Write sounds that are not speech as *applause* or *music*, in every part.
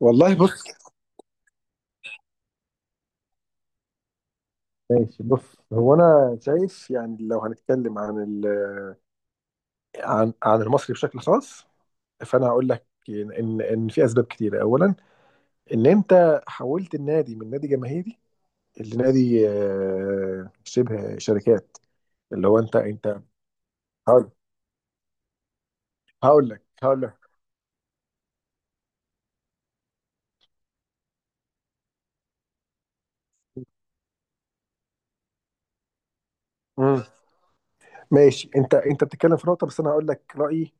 والله بص. ماشي بص. هو انا شايف يعني لو هنتكلم عن ال عن عن المصري بشكل خاص، فانا هقول لك ان في اسباب كتيره. اولا، ان انت حولت النادي من نادي جماهيري لنادي شبه شركات، اللي هو انت، هقول هقول لك. مم. ماشي، انت بتتكلم في نقطه، بس انا هقول لك رايي.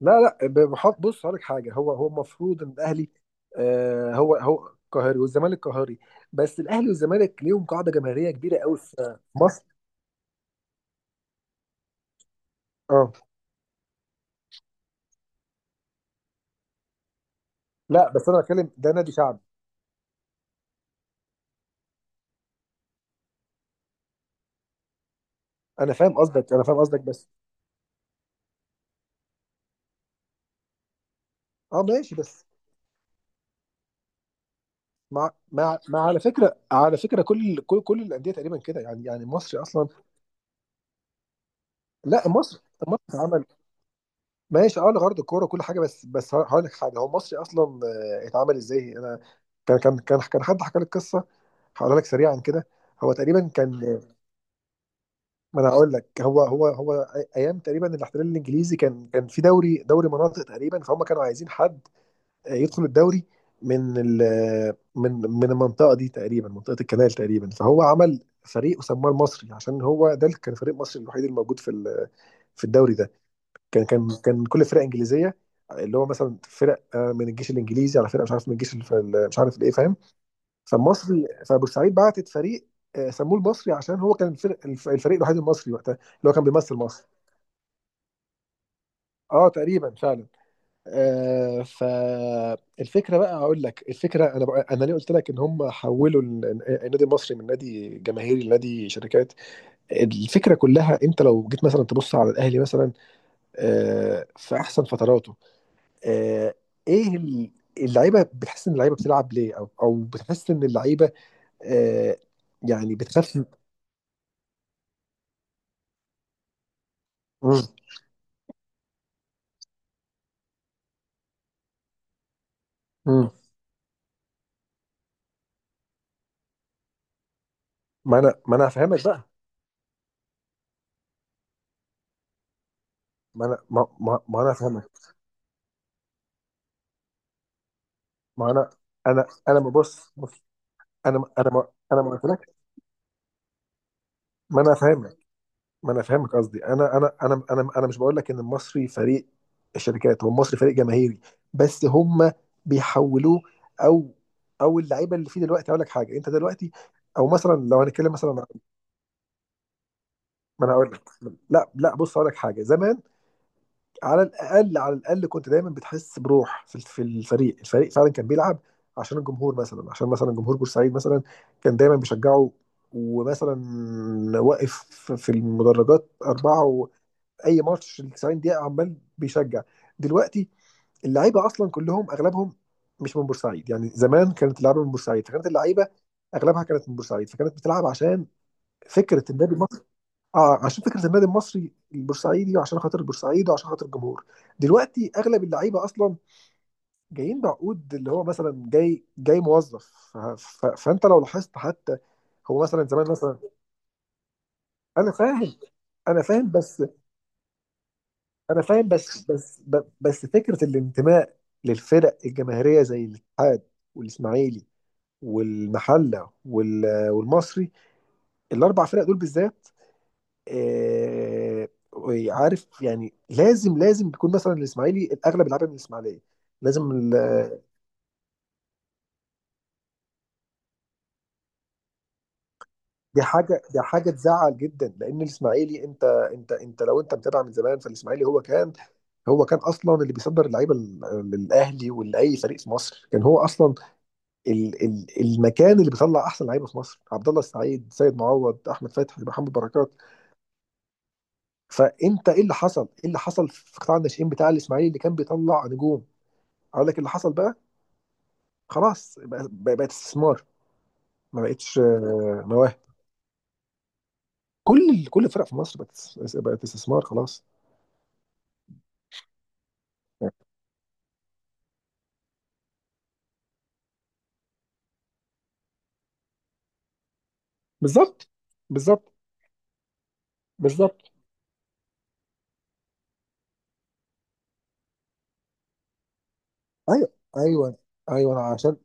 لا لا، بحط، بص هقول لك حاجه. هو المفروض ان الاهلي، هو قاهري والزمالك قاهري، بس الاهلي والزمالك ليهم قاعده جماهيريه كبيره قوي في مصر. اه. لا، بس انا بتكلم ده نادي شعبي. انا فاهم قصدك بس. اه، ماشي، بس. مع على فكره، كل الانديه تقريبا كده، يعني مصر اصلا. لا، مصر اتعمل. ماشي. اه، لغرض الكوره وكل حاجه. بس هقول لك حاجه، هو مصري اصلا اتعمل ازاي؟ انا كان حد حكى لي القصه، هقولها لك سريعا كده. هو تقريبا كان... ما انا هقول لك. هو هو هو ايام تقريبا الاحتلال الانجليزي، كان في دوري مناطق تقريبا، فهم كانوا عايزين حد يدخل الدوري من ال من من المنطقه دي تقريبا، منطقه الكنال تقريبا. فهو عمل فريق وسماه المصري، عشان هو ده اللي كان فريق مصري الوحيد الموجود في الدوري ده. كان كل فرق انجليزيه، اللي هو مثلا فرق من الجيش الانجليزي، على فرق مش عارف من الجيش، مش عارف الايه، فاهم. فالمصري، فبورسعيد بعتت فريق، سموه المصري عشان هو كان الفريق الوحيد المصري وقتها، اللي هو كان بيمثل مصر. اه تقريبا فعلا. فالفكره بقى، هقول لك الفكره، انا بقى، انا ليه قلت لك ان هم حولوا النادي المصري من نادي جماهيري لنادي شركات. الفكره كلها، انت لو جيت مثلا تبص على الاهلي مثلا، في احسن فتراته، آه ايه اللعيبه بتحس ان اللعيبه بتلعب ليه. او بتحس ان اللعيبه آه يعني بتخاف. مم. ما انا هفهمك بقى. ما انا هفهمك. ما انا انا انا ما بص، انا ما قلتلكش. ما انا هفهمك ما انا هفهمك قصدي. انا مش بقول لك ان المصري فريق الشركات. هو المصري فريق جماهيري، بس هم بيحولوه. او او اللعيبه اللي فيه دلوقتي، هقول لك حاجه. انت دلوقتي، او مثلا لو هنتكلم مثلا... ما انا هقول لك. لا لا، بص هقول لك حاجه. زمان، على الاقل كنت دايما بتحس بروح في الفريق، فعلا كان بيلعب عشان الجمهور مثلا، عشان مثلا جمهور بورسعيد مثلا كان دايما بيشجعه. ومثلا، واقف في المدرجات أربعة، وأي ماتش ال 90 دقيقة عمال بيشجع. دلوقتي، اللعيبة أصلا كلهم، أغلبهم مش من بورسعيد. يعني زمان كانت اللعيبة من بورسعيد، فكانت اللعيبة أغلبها كانت من بورسعيد، فكانت بتلعب عشان فكرة النادي المصري. اه، عشان فكره النادي المصري البورسعيدي، وعشان خاطر البورسعيد، وعشان خاطر الجمهور. دلوقتي اغلب اللعيبه اصلا جايين بعقود، اللي هو مثلا جاي موظف. فانت لو لاحظت حتى، هو مثلا زمان مثلا... انا فاهم انا فاهم بس. انا فاهم بس، بس فكره الانتماء للفرق الجماهيريه زي الاتحاد والاسماعيلي والمحله والمصري، الاربع فرق دول بالذات. آه، عارف يعني، لازم بيكون مثلا الاسماعيلي الاغلب يلعبها من الاسماعيليه. لازم ال- دي حاجه تزعل جدا، لان الاسماعيلي انت، لو انت متابع من زمان، فالاسماعيلي هو كان اصلا اللي بيصدر اللعيبه للاهلي ولاي فريق في مصر. كان هو اصلا ال ال المكان اللي بيطلع احسن لعيبه في مصر، عبد الله السعيد، سيد معوض، احمد فتحي، محمد بركات. فانت، ايه اللي حصل في قطاع الناشئين بتاع الاسماعيلي اللي كان بيطلع نجوم؟ اقول لك اللي حصل بقى. خلاص، بقت استثمار، ما بقتش مواهب. كل الفرق في مصر بقت، بقت استثمار خلاص. بالظبط، بالظبط، بالظبط. ايوه، ايوه، ايوه، عشان.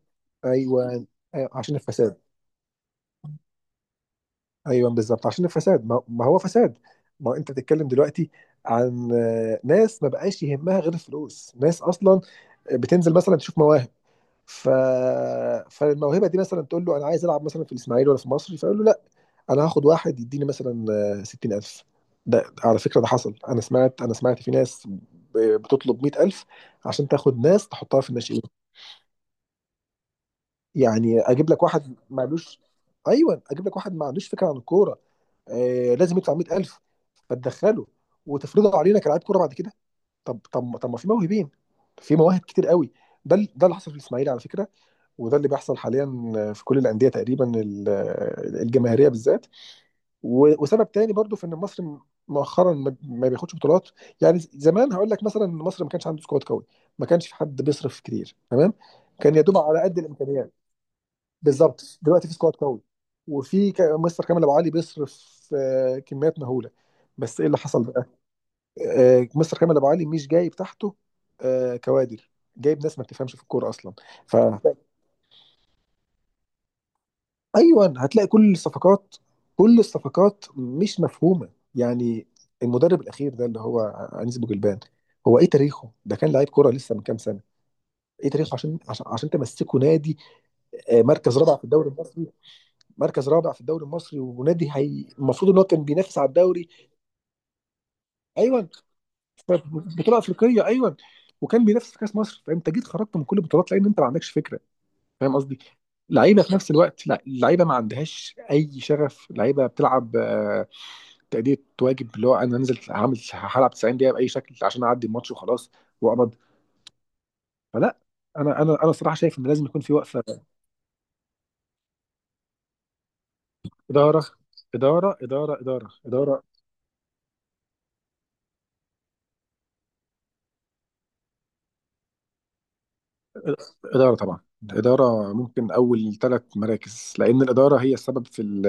ايوه، أيوة، عشان الفساد. ايوه، بالظبط، عشان الفساد. ما هو فساد. ما هو انت بتتكلم دلوقتي عن ناس ما بقاش يهمها غير الفلوس. ناس اصلا بتنزل مثلا تشوف مواهب، ف... فالموهبه دي مثلا تقول له انا عايز العب مثلا في الاسماعيلي ولا في مصر، فيقول له لا، انا هاخد واحد يديني مثلا 60000. ده على فكرة، ده حصل، انا سمعت في ناس بتطلب 100000 عشان تاخد ناس تحطها في الناشئين. يعني اجيب لك واحد ما عندوش. ايوه، اجيب لك واحد ما عندوش فكرة عن الكورة، لازم يدفع 100000، فتدخله وتفرضه علينا كلاعب كورة بعد كده. طب، طب، طب، ما في موهبين، في مواهب كتير قوي. ده اللي حصل في الاسماعيلي على فكرة، وده اللي بيحصل حاليا في كل الأندية تقريبا، الجماهيرية بالذات. وسبب تاني برضو في ان مصر، مؤخرا ما بياخدش بطولات. يعني زمان هقول لك مثلا ان مصر ما كانش عنده سكواد قوي، ما كانش في حد بيصرف كتير، تمام، كان يا دوب على قد الامكانيات. بالظبط، دلوقتي في سكواد قوي، وفي مستر كامل ابو علي بيصرف كميات مهوله. بس ايه اللي حصل بقى؟ مستر كامل ابو علي مش جايب تحته كوادر. جايب ناس ما بتفهمش في الكوره اصلا. ف ايوه، هتلاقي كل الصفقات مش مفهومه يعني. المدرب الاخير ده اللي هو انيس بوجلبان، هو ايه تاريخه؟ ده كان لعيب كوره لسه من كام سنه. ايه تاريخه عشان عشان تمسكه نادي مركز رابع في الدوري المصري، ونادي هي المفروض ان هو كان بينافس على الدوري. ايوه، في بطوله افريقيه، ايوه، وكان بينافس في كاس مصر. فانت جيت خرجت من كل البطولات لان انت ما عندكش فكره، فاهم قصدي؟ لعيبه في نفس الوقت، لا، لعيبه ما عندهاش اي شغف، لعيبه بتلعب تأدية واجب، اللي هو انا نزلت هعمل هلعب 90 دقيقه باي شكل عشان اعدي الماتش وخلاص، واقبض. فلا، انا صراحه شايف ان لازم يكون في وقفه. اداره، اداره، اداره، اداره، اداره. اداره طبعا، الاداره ممكن اول ثلاث مراكز، لان الاداره هي السبب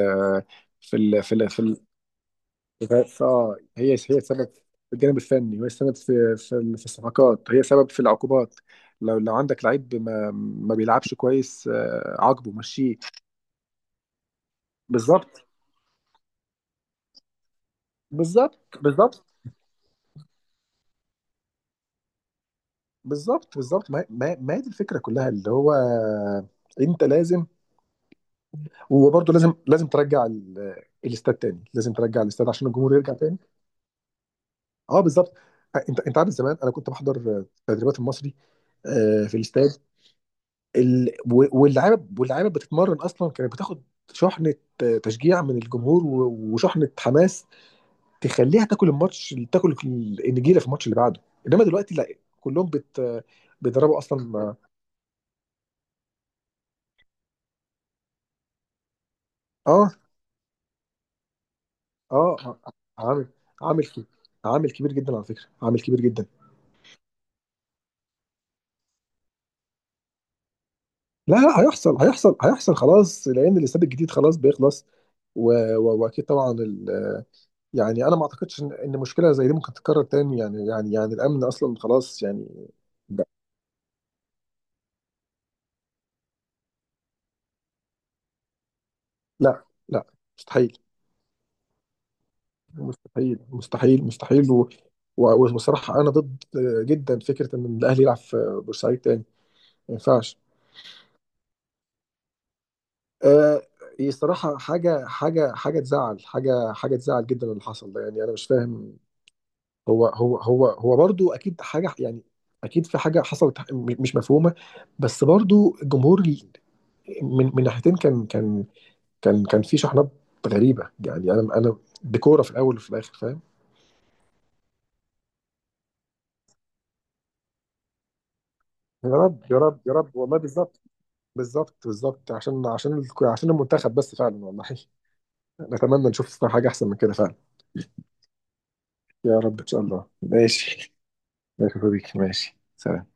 في ال في ال في ال هي السبب في الجانب الفني، وهي السبب في الصفقات، هي سبب في العقوبات. لو عندك لعيب ما بيلعبش كويس، عاقبه، مشيه. بالظبط، بالظبط، بالظبط، بالظبط، بالظبط. ما هي دي الفكره كلها، اللي هو انت لازم، وبرضه لازم ترجع الاستاد تاني، لازم ترجع الاستاد عشان الجمهور يرجع تاني. اه بالظبط. انت عارف زمان، انا كنت بحضر تدريبات المصري في الاستاد. واللعيبه بتتمرن اصلا، كانت بتاخد شحنه، تشجيع من الجمهور، وشحنه حماس تخليها تاكل الماتش، تاكل النجيله في الماتش اللي بعده. انما دلوقتي لا، كلهم بيضربوا اصلا. اه، اه، آه، عامل عامل كبير. عامل كبير جدا على فكره، عامل كبير جدا. لا لا، هيحصل، خلاص، لان الاستاد الجديد خلاص بيخلص، واكيد طبعا، يعني انا ما اعتقدش ان مشكله زي دي ممكن تتكرر تاني، يعني الامن اصلا خلاص يعني. لا لا لا، مستحيل، مستحيل، مستحيل، مستحيل. و... والصراحه انا ضد جدا فكره ان الاهلي يلعب في بورسعيد تاني، ما ينفعش. آه، هي صراحة حاجة، حاجة تزعل جدا اللي حصل ده، يعني أنا مش فاهم. هو برضو أكيد حاجة، يعني أكيد في حاجة حصلت مش مفهومة. بس برضو الجمهور من ناحيتين، كان في شحنات غريبة، يعني أنا ديكورة في الأول وفي الآخر، فاهم. يا رب، يا رب، يا رب، والله بالظبط. بالظبط، بالظبط، عشان، عشان المنتخب بس فعلا، والله *laughs* نتمنى نشوف حاجة أحسن من كده فعلا. يا رب إن شاء الله. ماشي، اشوفك، ماشي، سلام.